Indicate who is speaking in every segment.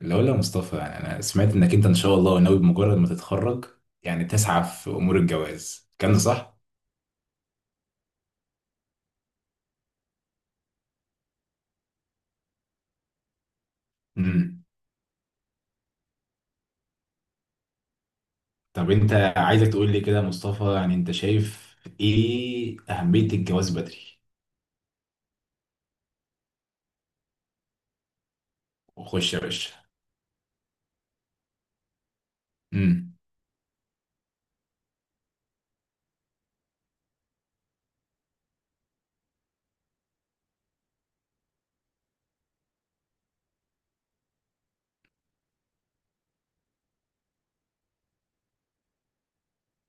Speaker 1: لا، ولا مصطفى، يعني انا سمعت انك انت ان شاء الله ناوي بمجرد ما تتخرج يعني تسعى في امور الجواز، كان ده صح؟ امم. طب انت عايزك تقول لي كده يا مصطفى، يعني انت شايف ايه اهمية الجواز بدري؟ وخش يا باشا. امم.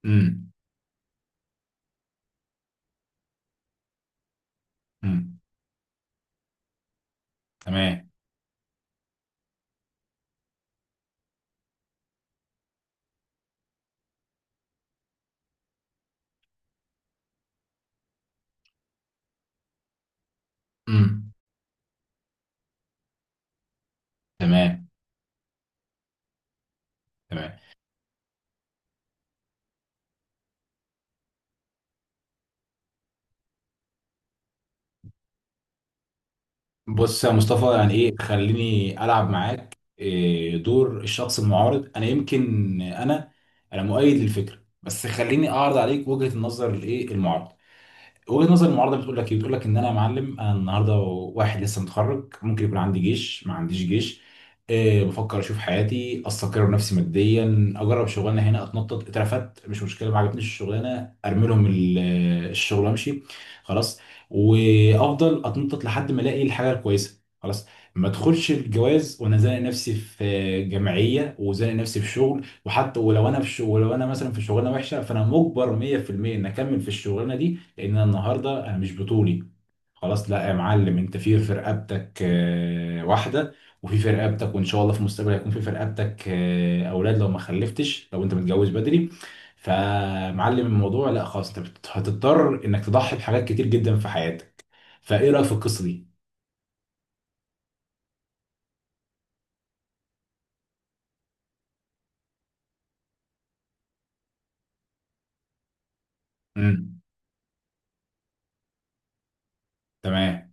Speaker 1: امم. امم. تمام. امم. تمام. تمام. بص يا مصطفى، يعني ايه، خليني العب معاك إيه دور الشخص المعارض. انا يمكن انا انا مؤيد للفكرة بس خليني اعرض عليك وجهة النظر الايه المعارض. وجهة نظر المعارضة بتقول لك ايه؟ بتقول لك ان انا يا معلم، انا النهارده واحد لسه متخرج، ممكن يكون عندي جيش ما عنديش جيش، أه، بفكر اشوف حياتي، استقر نفسي ماديا، اجرب شغلانه هنا، اتنطط، اترفدت مش مشكله، ما عجبتنيش الشغلانه ارمي لهم الشغل وامشي. خلاص. وافضل اتنطط لحد ما الاقي الحاجه الكويسه، خلاص. ما ادخلش الجواز وانا زانق نفسي في جمعيه، وزانق نفسي في شغل، وحتى ولو انا في شغل، ولو انا مثلا في شغلانه وحشه فانا مجبر 100% ان اكمل في الشغلانه دي لان انا النهارده انا مش بطولي. خلاص. لا يا معلم، انت في رقبتك واحده، وفي رقبتك، وان شاء الله في المستقبل هيكون في رقبتك اولاد لو ما خلفتش، لو انت متجوز بدري. فمعلم الموضوع، لا خلاص انت هتضطر انك تضحي بحاجات كتير جدا في حياتك. فايه رايك في القصه دي؟ امم. تمام.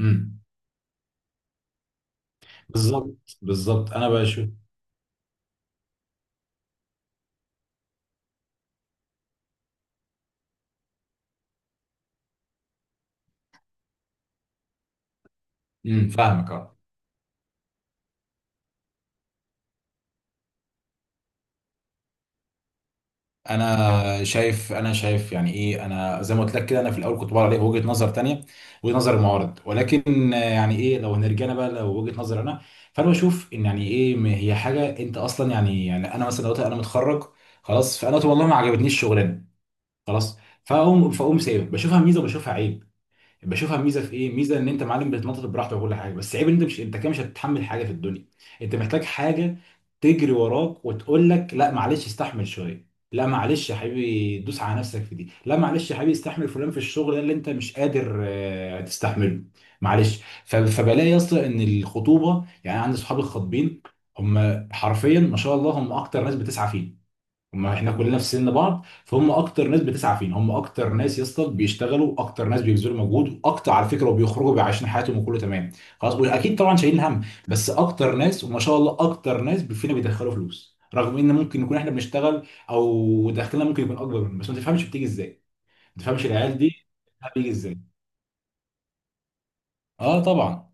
Speaker 1: امم. بالظبط، بالظبط انا بشوف. امم، فاهمك، اه. انا شايف، يعني ايه، انا زي ما قلت لك كده انا في الاول كنت بقول عليه وجهه نظر تانية، وجهه نظر المعارض، ولكن يعني ايه، لو هنرجعنا بقى لو وجهه نظر انا. فانا بشوف ان، يعني ايه، هي حاجه انت اصلا، يعني انا مثلا دلوقتي انا متخرج خلاص، فانا قلت والله ما عجبتنيش الشغلانه، خلاص. فاقوم سايب، بشوفها ميزه وبشوفها عيب. بشوفها ميزه في ايه؟ ميزه ان انت معلم بتتنطط براحتك وكل حاجه، بس عيب ان انت مش، انت كده مش هتتحمل حاجه في الدنيا. انت محتاج حاجه تجري وراك وتقول لك، لا معلش استحمل شويه، لا معلش يا حبيبي دوس على نفسك في دي، لا معلش يا حبيبي استحمل فلان في الشغل ده اللي انت مش قادر تستحمله. معلش، فبلاقي يا اسطى ان الخطوبه، يعني عندي صحابي الخطبين هم حرفيا ما شاء الله هم اكتر ناس بتسعى فيه. ما احنا كلنا في سن بعض، فهم اكتر ناس بتسعى فينا، هم اكتر ناس يا اسطى بيشتغلوا، اكتر ناس بيبذلوا مجهود، واكتر على فكره، وبيخرجوا بيعيشوا حياتهم وكله تمام. خلاص. واكيد طبعا شايلين هم، بس اكتر ناس وما شاء الله اكتر ناس فينا بيدخلوا فلوس، رغم ان ممكن نكون احنا بنشتغل او دخلنا ممكن يكون اكبر منه، بس ما تفهمش بتيجي ازاي. ما تفهمش العيال دي بتيجي ازاي. اه طبعا.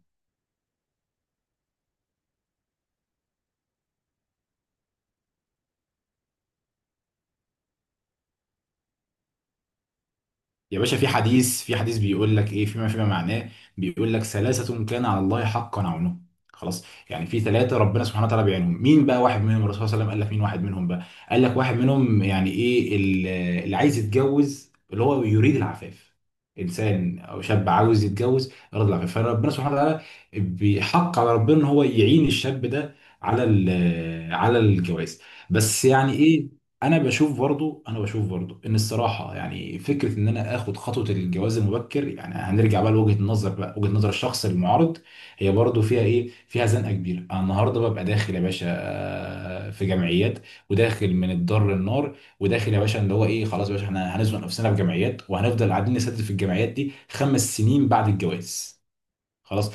Speaker 1: يا باشا، في حديث بيقول لك ايه، فيما معناه، بيقول لك ثلاثة كان على الله حقا عونه. خلاص. يعني في ثلاثة ربنا سبحانه وتعالى بيعينهم، مين بقى واحد منهم؟ الرسول صلى الله عليه وسلم قال لك مين واحد منهم بقى؟ قال لك واحد منهم، يعني ايه، اللي عايز يتجوز، اللي هو يريد العفاف. انسان او شاب عاوز يتجوز يريد العفاف، فربنا سبحانه وتعالى بيحق على ربنا ان هو يعين الشاب ده على على الجواز. بس يعني إيه، انا بشوف برضو ان الصراحه يعني فكره ان انا اخد خطوه الجواز المبكر، يعني هنرجع بقى لوجهه النظر بقى، وجهه نظر الشخص المعارض، هي برضو فيها ايه، فيها زنقه كبيره. انا النهارده ببقى داخل يا باشا في جمعيات، وداخل من الدار للنار، وداخل يا باشا اللي هو ايه، خلاص يا باشا احنا هنزنق نفسنا في جمعيات، وهنفضل قاعدين نسدد في الجمعيات دي خمس سنين بعد الجواز، خلاص.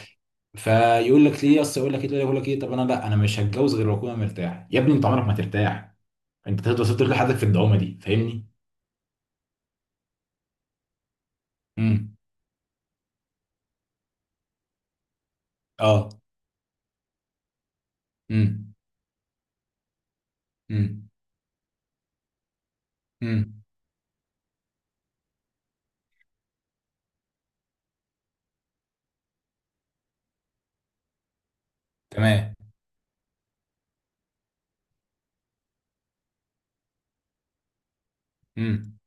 Speaker 1: فيقول لك ليه اصل، يقول لك ايه، طب انا لا، انا مش هتجوز غير لما اكون مرتاح. يا ابني انت عمرك ما ترتاح، انت تقدر وصلت لحدك في الدعومه دي، فاهمني؟ امم. اه. امم. امم. امم. تمام. امم.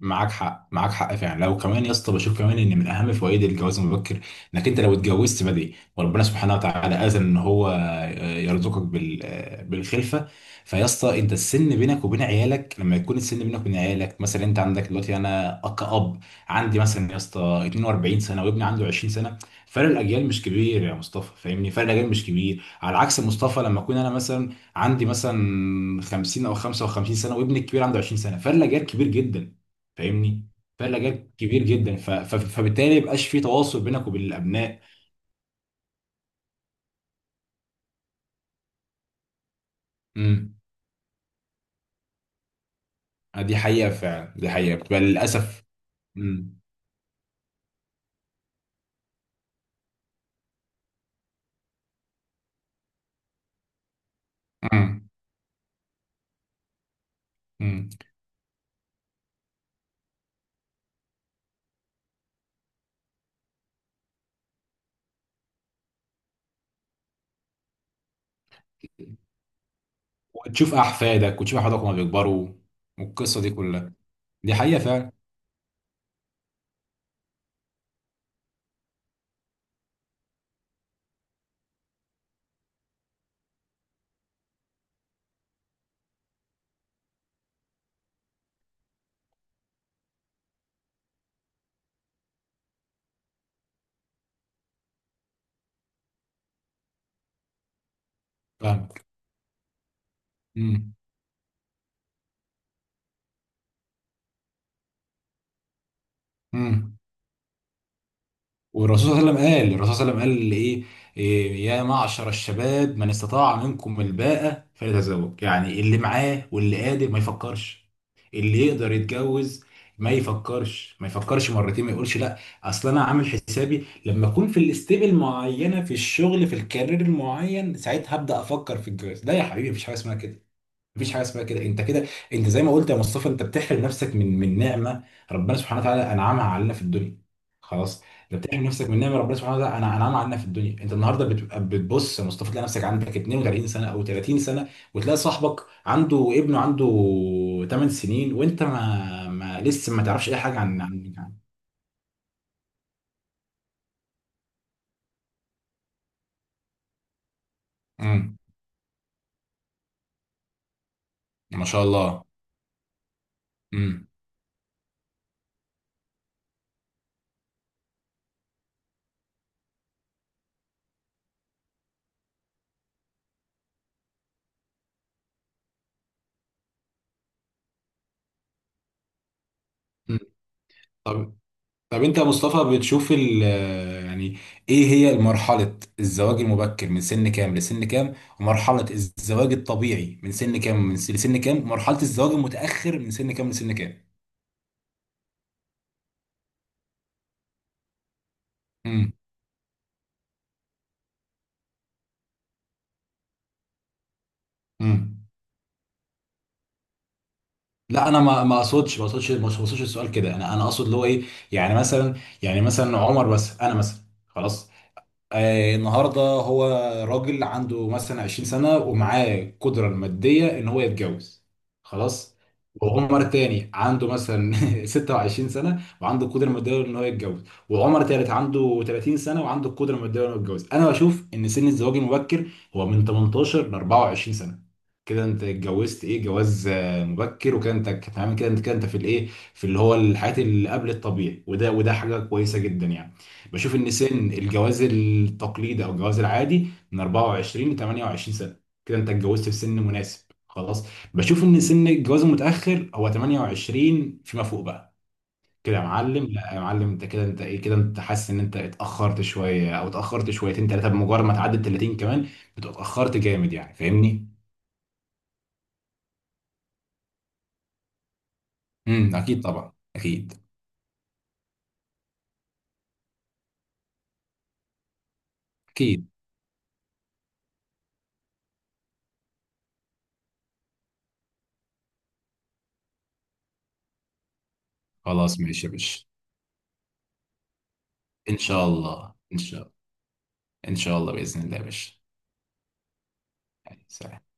Speaker 1: معاك حق، معاك حق فعلا. لو كمان يا اسطى بشوف كمان ان من اهم فوائد الجواز المبكر انك انت لو اتجوزت بدري وربنا سبحانه وتعالى اذن ان هو يرزقك بالخلفه، فيا اسطى انت السن بينك وبين عيالك، لما يكون السن بينك وبين عيالك مثلا، انت عندك دلوقتي انا كأب عندي مثلا يا اسطى 42 سنه وابني عنده 20 سنه، فرق الاجيال مش كبير يا مصطفى، فاهمني؟ فرق الاجيال مش كبير. على عكس مصطفى لما اكون انا مثلا عندي مثلا 50 او 55 سنه وابني الكبير عنده 20 سنه، فرق الاجيال كبير جدا، فاهمني؟ فرق الاجيال كبير جدا، فبالتالي ما يبقاش في تواصل بينك وبين الابناء. امم. دي حقيقه فعلا، دي حقيقه بتبقى للاسف. امم. امم. أمم. وتشوف احفادك، وهما بيكبروا والقصه دي كلها. دي حقيقه فعلا. فاهمك. امم. امم. والرسول صلى الله عليه وسلم قال، الرسول صلى الله عليه وسلم قال ايه، إيه، يا معشر الشباب من استطاع منكم الباءة فليتزوج. يعني اللي معاه واللي قادر ما يفكرش، اللي يقدر يتجوز ما يفكرش مرتين ما يقولش لا. اصل انا عامل حسابي لما اكون في الاستيب المعينه في الشغل، في الكارير المعين، ساعتها هبدا افكر في الجواز. لا يا حبيبي مفيش حاجه اسمها كده، مفيش حاجه اسمها كده. انت كده انت زي ما قلت يا مصطفى، انت بتحرم نفسك من نعمه ربنا سبحانه وتعالى انعمها علينا في الدنيا. خلاص. انت بتحرم نفسك من نعمه ربنا سبحانه وتعالى انعمها علينا في الدنيا. انت النهارده بتبقى بتبص يا مصطفى تلاقي نفسك عندك 32 سنه او 30 سنه، وتلاقي صاحبك عنده ابنه عنده 8 سنين، وانت ما لسه ما تعرفش اي حاجه امم. ما شاء الله. امم. أمم. طب طب انت يا مصطفى بتشوف يعني ايه هي مرحلة الزواج المبكر من سن كام لسن كام؟ ومرحلة الزواج الطبيعي من سن كام، لسن كام؟ ومرحلة الزواج المتأخر من سن كام لسن كام؟ امم. امم. لا انا ما اقصدش، ما اقصدش ما اقصدش السؤال كده. انا اقصد اللي هو ايه، يعني مثلا يعني مثلا عمر بس انا مثلا، خلاص النهارده هو راجل عنده مثلا 20 سنه ومعاه قدره الماديه ان هو يتجوز، خلاص. وعمر تاني عنده مثلا 26 سنه وعنده القدره الماديه ان هو يتجوز. وعمر تالت عنده 30 سنه وعنده القدره الماديه ان هو يتجوز. انا بشوف ان سن الزواج المبكر هو من 18 ل 24 سنه، كده انت اتجوزت ايه، جواز مبكر، وكده انت تمام، كده انت كده انت في الايه، في اللي هو الحياه اللي قبل الطبيعي، وده حاجه كويسه جدا يعني. بشوف ان سن الجواز التقليدي او الجواز العادي من 24 ل 28 سنه، كده انت اتجوزت في سن مناسب، خلاص. بشوف ان سن الجواز المتاخر هو 28 فيما فوق بقى، كده يا معلم لا يا معلم انت كده انت ايه، كده انت حاسس ان انت اتاخرت شويه او اتاخرت شويتين ثلاثه، بمجرد ما تعدي ال 30 كمان بتبقى اتاخرت جامد، يعني فاهمني؟ امم. اكيد طبعا، اكيد، اكيد. خلاص ماشي يا باشا. ان شاء الله، ان شاء الله. ان شاء الله باذن الله يا باشا. يعني سلام.